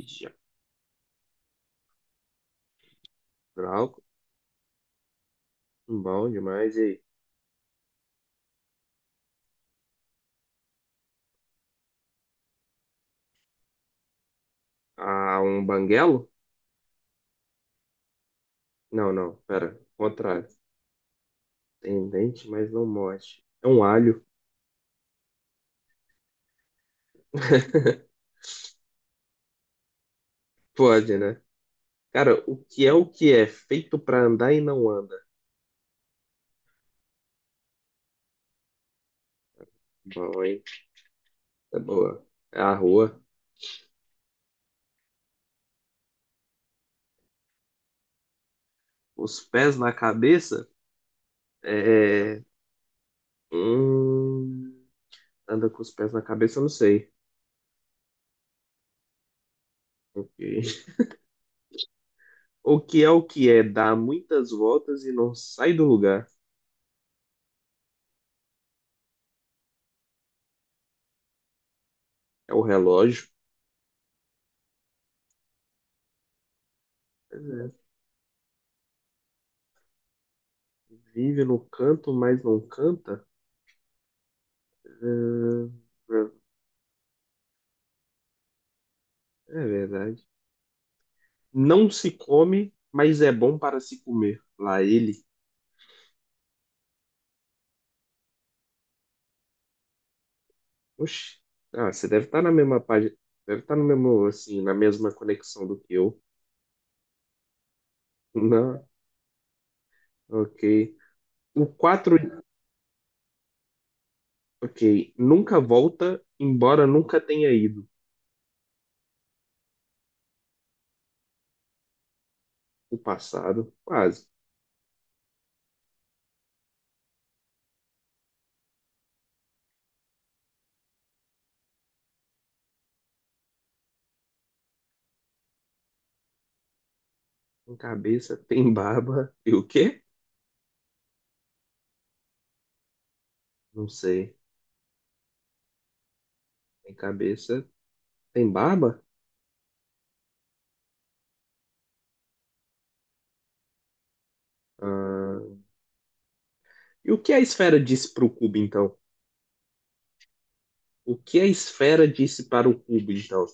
Ixi, Branco, bom demais. E aí? Ah, um banguelo? Não, não, pera. Contrário. Tem dente, mas não morde. É um alho. Pode, né? Cara, o que é o que é? Feito pra andar e não anda. Bom, hein? É boa. É a rua. Os pés na cabeça? É. É. Hum... Anda com os pés na cabeça, eu não sei. Ok. O que é o que é? Dá muitas voltas e não sai do lugar. É o relógio. Vive no canto, mas não canta? Ah, é é verdade. Não se come, mas é bom para se comer. Lá ele. Oxi. Ah, você deve estar na mesma página. Deve estar no mesmo, assim, na mesma conexão do que eu. Não, ok. O 4. Ok. Nunca volta, embora nunca tenha ido. O passado, quase. Tem cabeça, tem barba. E o quê? Não sei. Tem cabeça, tem barba? Ah, e o que a esfera disse para o cubo, então? O que a esfera disse para o cubo, então?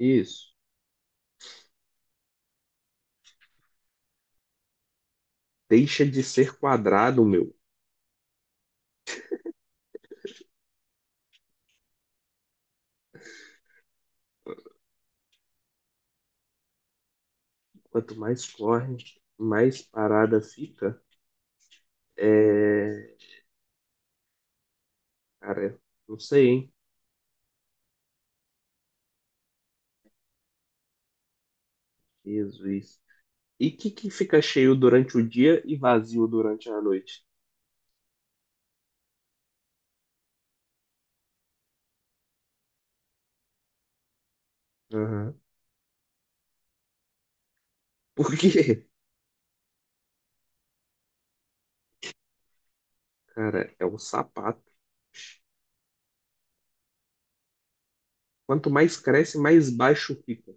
Isso. Deixa de ser quadrado, meu. Quanto mais corre, mais parada fica. É... Cara, não sei, hein? Jesus. E o que, que fica cheio durante o dia e vazio durante a noite? Aham. Por quê? Cara, é um sapato. Quanto mais cresce, mais baixo fica.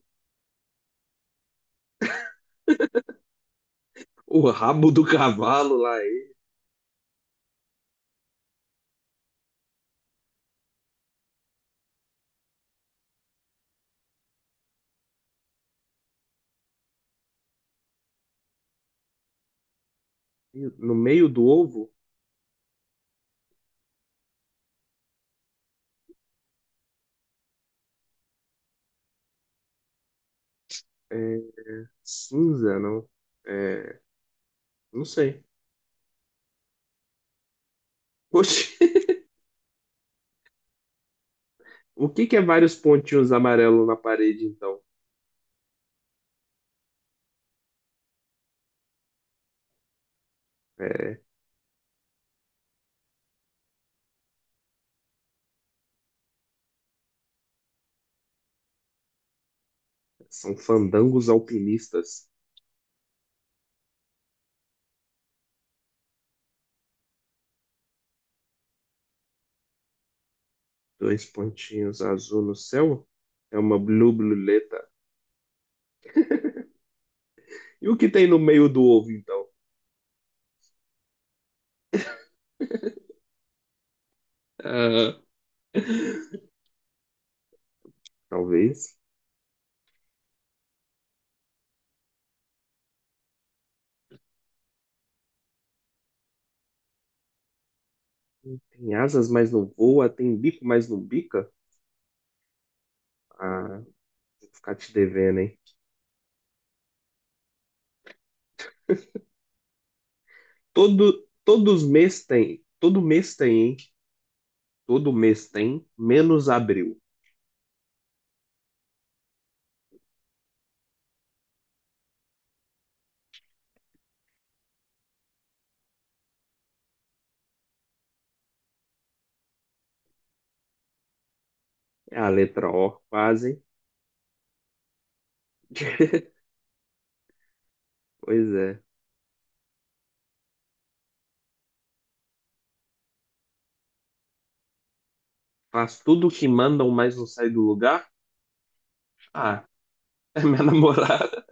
O rabo do cavalo lá, ele, no meio do ovo, é, cinza, não? É, não sei. Oxi, o que que é vários pontinhos amarelos na parede, então? É, são fandangos alpinistas. Dois pontinhos azul no céu? É uma blue bluleta. E o que tem no meio do ovo, então? Ah, talvez. Tem asas, mas não voa. Tem bico, mas não bica. Ah, vou ficar te devendo, hein? Todos mês tem. Todo mês tem, hein? Todo mês tem, menos abril. É a letra O, quase. Pois é. Faz tudo o que mandam, mas não sai do lugar? Ah, é minha namorada.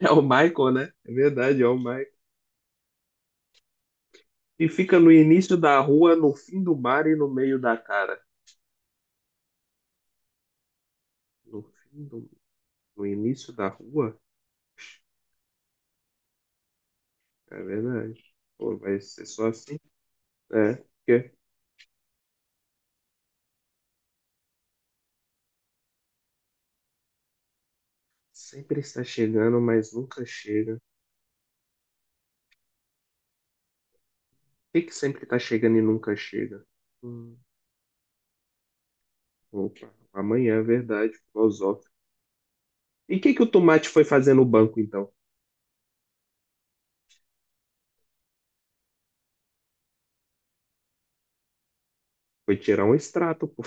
É o Michael, né? É verdade, é o Michael. E fica no início da rua, no fim do mar e no meio da cara. No fim do... No início da rua? É verdade. Pô, vai ser só assim? É, porque sempre está chegando, mas nunca chega. Por que que sempre está chegando e nunca chega? Hum, opa, amanhã é verdade, filosófico. E o que que o tomate foi fazer no banco, então? Foi tirar um extrato, pô.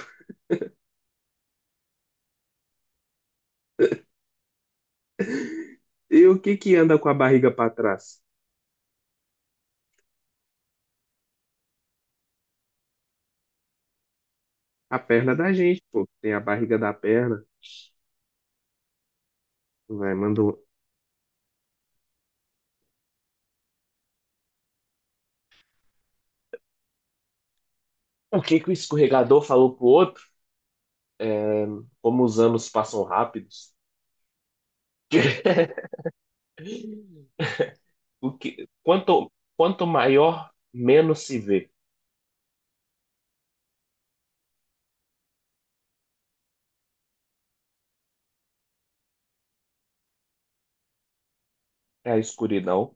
E o que que anda com a barriga pra trás? A perna da gente, pô. Tem a barriga da perna. Vai, mandou. O que que o escorregador falou pro outro? É, como os anos passam rápidos. Quanto maior, menos se vê. É a escuridão.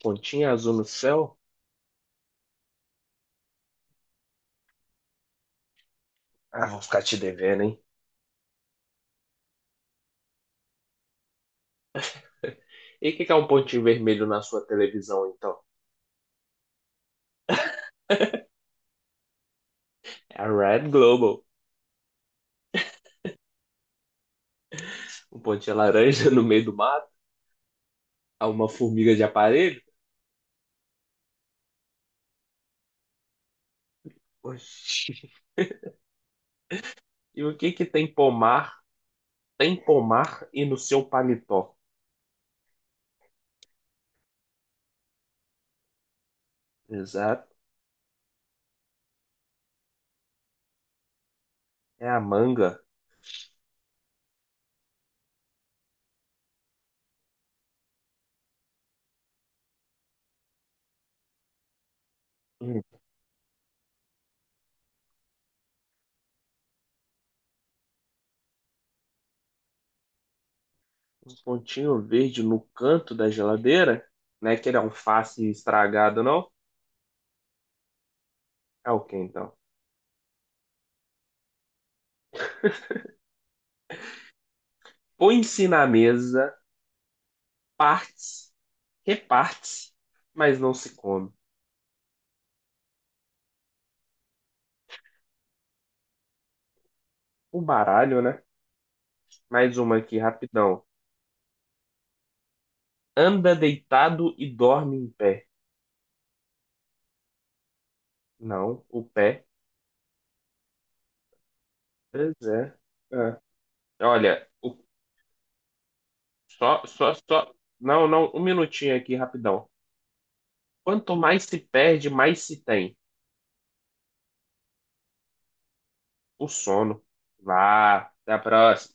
Pontinha azul no céu. Ah, vou ficar te devendo, hein? E o que que é um pontinho vermelho na sua televisão, então? É a Red Global. Um pontinho laranja no meio do mato. É uma formiga de aparelho. Oxi. E o que que tem pomar? Tem pomar e no seu paletó. Exato. É a manga. Hum. Um pontinho verde no canto da geladeira. Não é aquele alface estragado, não? É o que então? Põe-se na mesa, partes, reparte mas não se come. O baralho, né? Mais uma aqui, rapidão. Anda deitado e dorme em pé. Não, o pé. Pois é. É. Olha, o só, só, só. Não, não, um minutinho aqui, rapidão. Quanto mais se perde, mais se tem. O sono. Vá, até a próxima.